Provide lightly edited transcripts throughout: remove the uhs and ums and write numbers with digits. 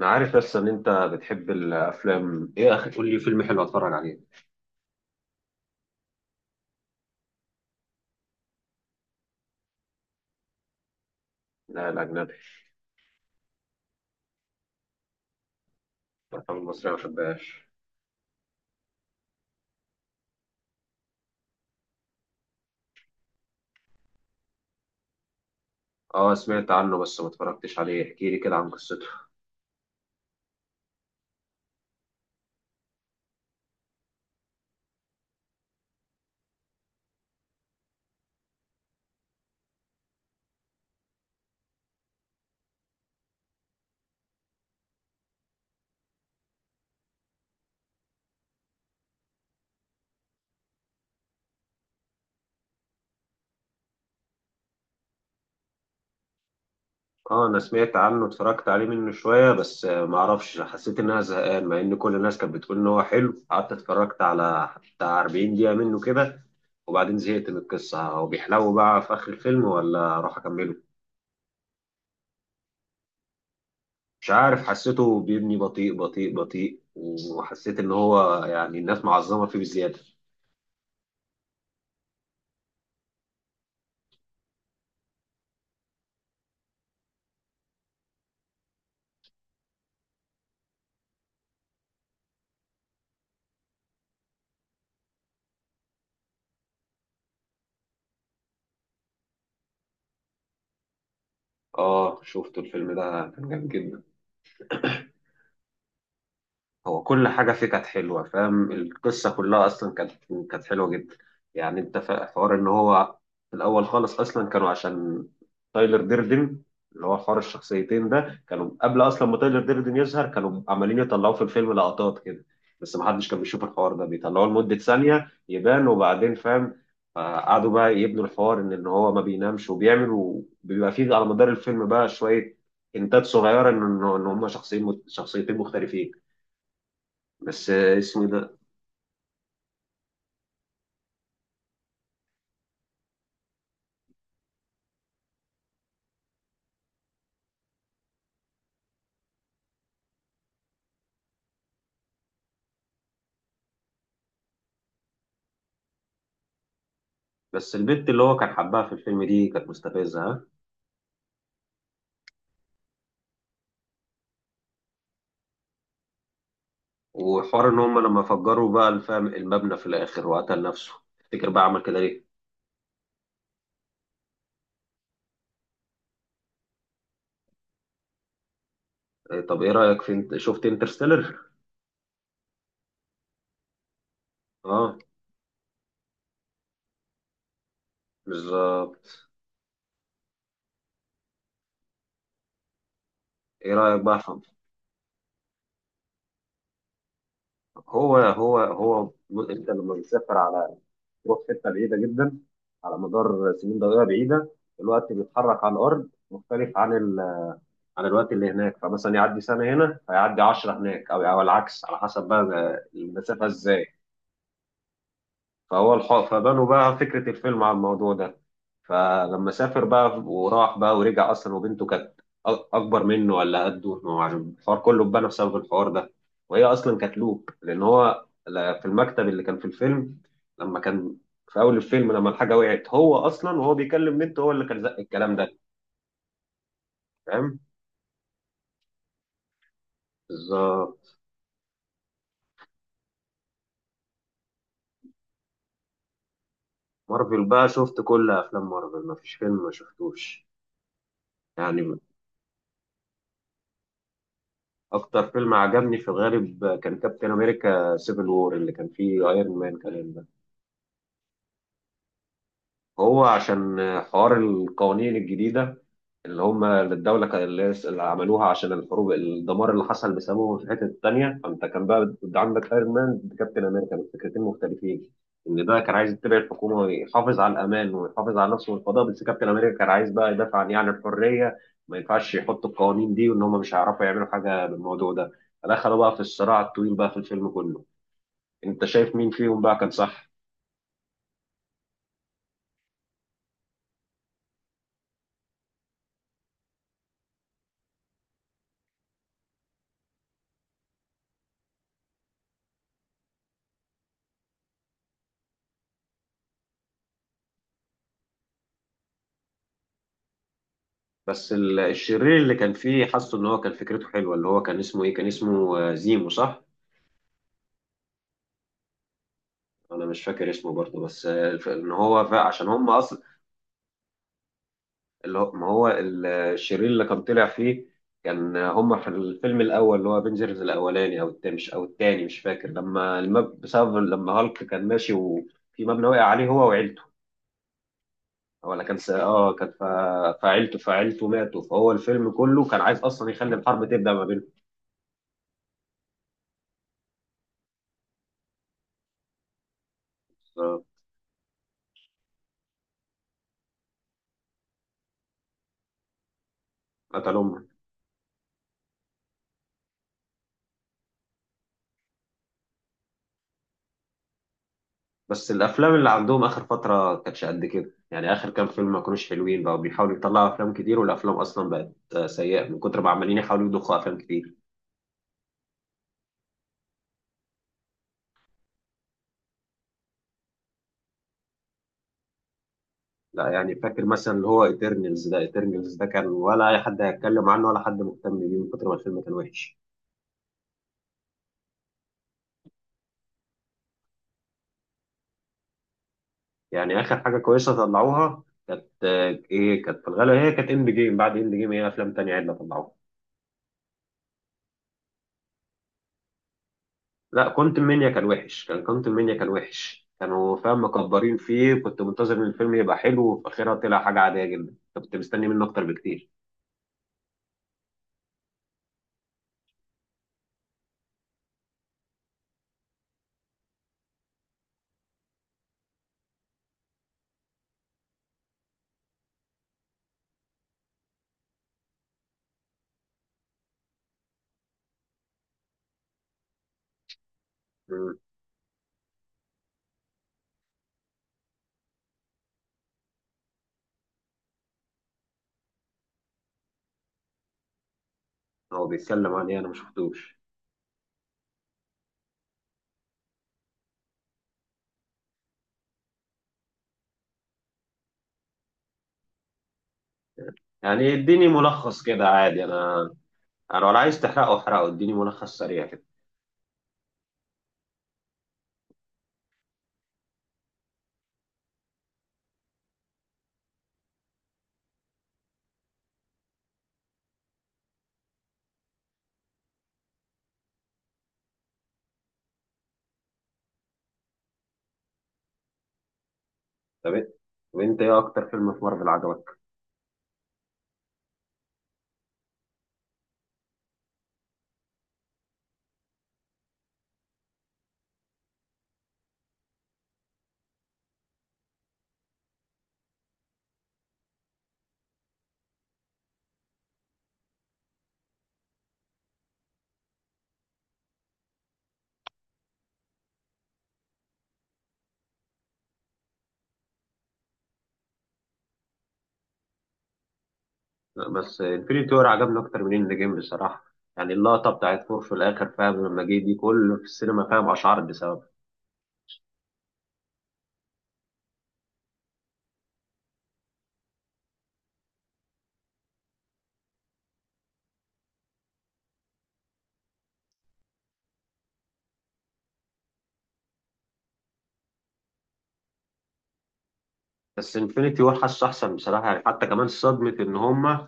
انا عارف، بس ان انت بتحب الافلام. ايه يا اخي، قول لي فيلم حلو اتفرج عليه. لا، الاجنبي. الافلام المصريه ما بحبهاش. اه، سمعت عنه بس ما اتفرجتش عليه. احكي لي كده عن قصته. اه، انا سمعت عنه، اتفرجت عليه منه شويه بس ما اعرفش، حسيت ان انا زهقان مع ان كل الناس كانت بتقول ان هو حلو. قعدت اتفرجت على بتاع 40 دقيقه منه كده، وبعدين زهقت من القصه. هو بيحلو بقى في اخر الفيلم ولا اروح اكمله؟ مش عارف، حسيته بيبني بطيء بطيء بطيء، وحسيت ان هو يعني الناس معظمه فيه بزياده. اه شفت الفيلم ده، كان جامد جدا. هو كل حاجة فيه كانت حلوة، فاهم؟ القصة كلها أصلا كانت حلوة جدا. يعني أنت حوار إن هو في الأول خالص أصلا كانوا عشان تايلر ديردن، اللي هو حوار الشخصيتين ده، كانوا قبل أصلا ما تايلر ديردن يظهر كانوا عمالين يطلعوا في الفيلم لقطات كده، بس محدش كان بيشوف الحوار ده. بيطلعوه لمدة ثانية يبان وبعدين فاهم. قعدوا بقى يبنوا الحوار إن هو ما بينامش وبيعمل وبيبقى فيه على مدار الفيلم بقى شوية إنتاج صغيرة إن هما شخصين شخصيتين مختلفين. بس اسمه إيه ده؟ بس البت اللي هو كان حبها في الفيلم دي كانت مستفزة، ها. وحوار ان هم لما فجروا بقى الفم المبنى في الاخر وقتل نفسه، تفتكر بقى عمل كده ليه؟ إيه، طب ايه رأيك في، انت شفت انترستيلر؟ اه. بالظبط. ايه رأيك بقى في، هو انت لما بتسافر على، تروح حتة بعيدة جدا، على مدار سنين ضوئية بعيدة، الوقت بيتحرك على الارض مختلف عن ال، على الوقت اللي هناك. فمثلا يعدي سنة هنا فيعدي عشرة هناك، أو العكس على حسب بقى المسافة إزاي. فهو الحق، فبنوا بقى فكرة الفيلم على الموضوع ده. فلما سافر بقى وراح بقى ورجع أصلا، وبنته كانت أكبر منه ولا قده، ما هو عارف. الحوار كله اتبنى بسبب الحوار ده. وهي أصلا كانت لوب، لأن هو في المكتب اللي كان في الفيلم، لما كان في أول الفيلم لما الحاجة وقعت، هو أصلا وهو بيكلم بنته هو اللي كان زق الكلام ده. فاهم؟ بالظبط. مارفل بقى شفت كل افلام مارفل، مفيش فيلم ما شفتوش. يعني اكتر فيلم عجبني في الغالب كان كابتن امريكا سيفل وور، اللي كان فيه ايرون مان كلام ده. هو عشان حوار القوانين الجديده، اللي هم الدولة اللي هي اللي عملوها عشان الحروب الدمار اللي حصل بسببهم في الحتة التانية. فأنت كان بقى عندك أيرون مان ضد كابتن أمريكا بس فكرتين مختلفين. إن ده كان عايز يتبع الحكومة ويحافظ على الأمان ويحافظ على نفسه والفضاء، بس كابتن أمريكا كان عايز بقى يدافع عن يعني الحرية، ما ينفعش يحطوا القوانين دي، وإن هم مش هيعرفوا يعملوا حاجة بالموضوع ده. فدخلوا بقى في الصراع الطويل بقى في الفيلم كله. أنت شايف مين فيهم بقى كان صح؟ بس الشرير اللي كان فيه حاسه إن هو كان فكرته حلوة. اللي هو كان اسمه إيه، كان اسمه زيمو صح؟ انا مش فاكر اسمه برضه، بس ان هو عشان هم اصلا، اللي هو ما هو الشرير اللي كان طلع فيه، كان هم في الفيلم الاول اللي هو افنجرز الاولاني او التاني، مش او التاني مش فاكر، لما بسبب لما هالك كان ماشي وفي مبنى وقع عليه هو وعيلته. ولا كان اه كان فعيلته ماتوا، فهو الفيلم كله كان عايز اصلا يخلي الحرب تبدا ما بينهم. قتلهم. بس الافلام اللي عندهم اخر فتره كانتش قد كده، يعني اخر كام فيلم ما كانوش حلوين. بقوا بيحاولوا يطلعوا افلام كتير، والافلام اصلا بقت سيئه من كتر ما عمالين يحاولوا يضخوا افلام كتير. لا يعني فاكر مثلا اللي هو ايترنالز ده، ايترنالز ده كان ولا اي حد هيتكلم عنه ولا حد مهتم بيه من كتر ما الفيلم كان وحش. يعني اخر حاجه كويسه طلعوها كانت ايه، كانت في الغالب هي كانت اند جيم. بعد اند جيم هي افلام تانية عدله طلعوها. لا كنت منيا كان وحش. كانوا فاهم مكبرين فيه، كنت منتظر ان الفيلم يبقى حلو وفي اخرها طلع حاجه عاديه جدا. كنت مستني منه اكتر بكتير. مم. هو بيتكلم عن ايه؟ انا ما شفتوش. يعني اديني ملخص كده عادي. انا انا ولا عايز تحرقه، احرقه، اديني ملخص سريع كده. طب إيه؟ طب انت ايه اكتر فيلم في مارفل عجبك؟ لا، بس انفينيتي وور عجبني اكتر من اند جيم بصراحه. يعني اللقطه بتاعت فور في الاخر، فاهم لما جه دي كله في السينما، فاهم اشعرت بسبب، بس انفينيتي وور حاسه احسن بصراحه يعني. حتى كمان صدمه ان هم،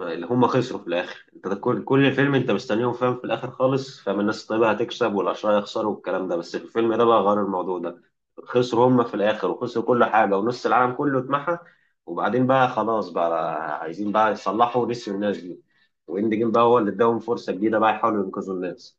اللي هم خسروا في الاخر. انت ده كل فيلم انت مستنيهم، فاهم في الاخر خالص فاهم الناس الطيبه هتكسب والاشرار يخسروا والكلام ده، بس في الفيلم ده بقى غير الموضوع ده. خسروا هم في الاخر وخسروا كل حاجه، ونص العالم كله اتمحى. وبعدين بقى خلاص بقى عايزين بقى يصلحوا، نسيوا الناس دي. واند جيم بقى هو اللي اداهم فرصه جديده بقى يحاولوا ينقذوا الناس.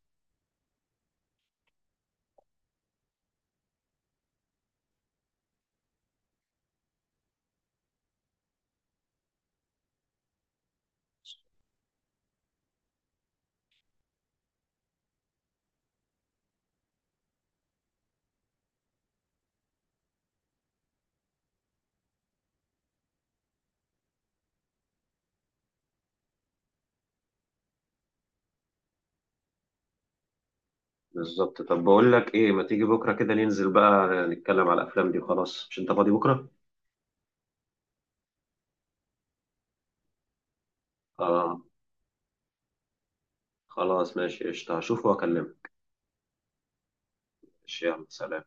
بالظبط. طب بقول لك ايه، ما تيجي بكره كده ننزل بقى نتكلم على الافلام دي وخلاص، مش انت فاضي بكره؟ آه، خلاص ماشي قشطة، هشوفه وأكلمك. ماشي يلا سلام.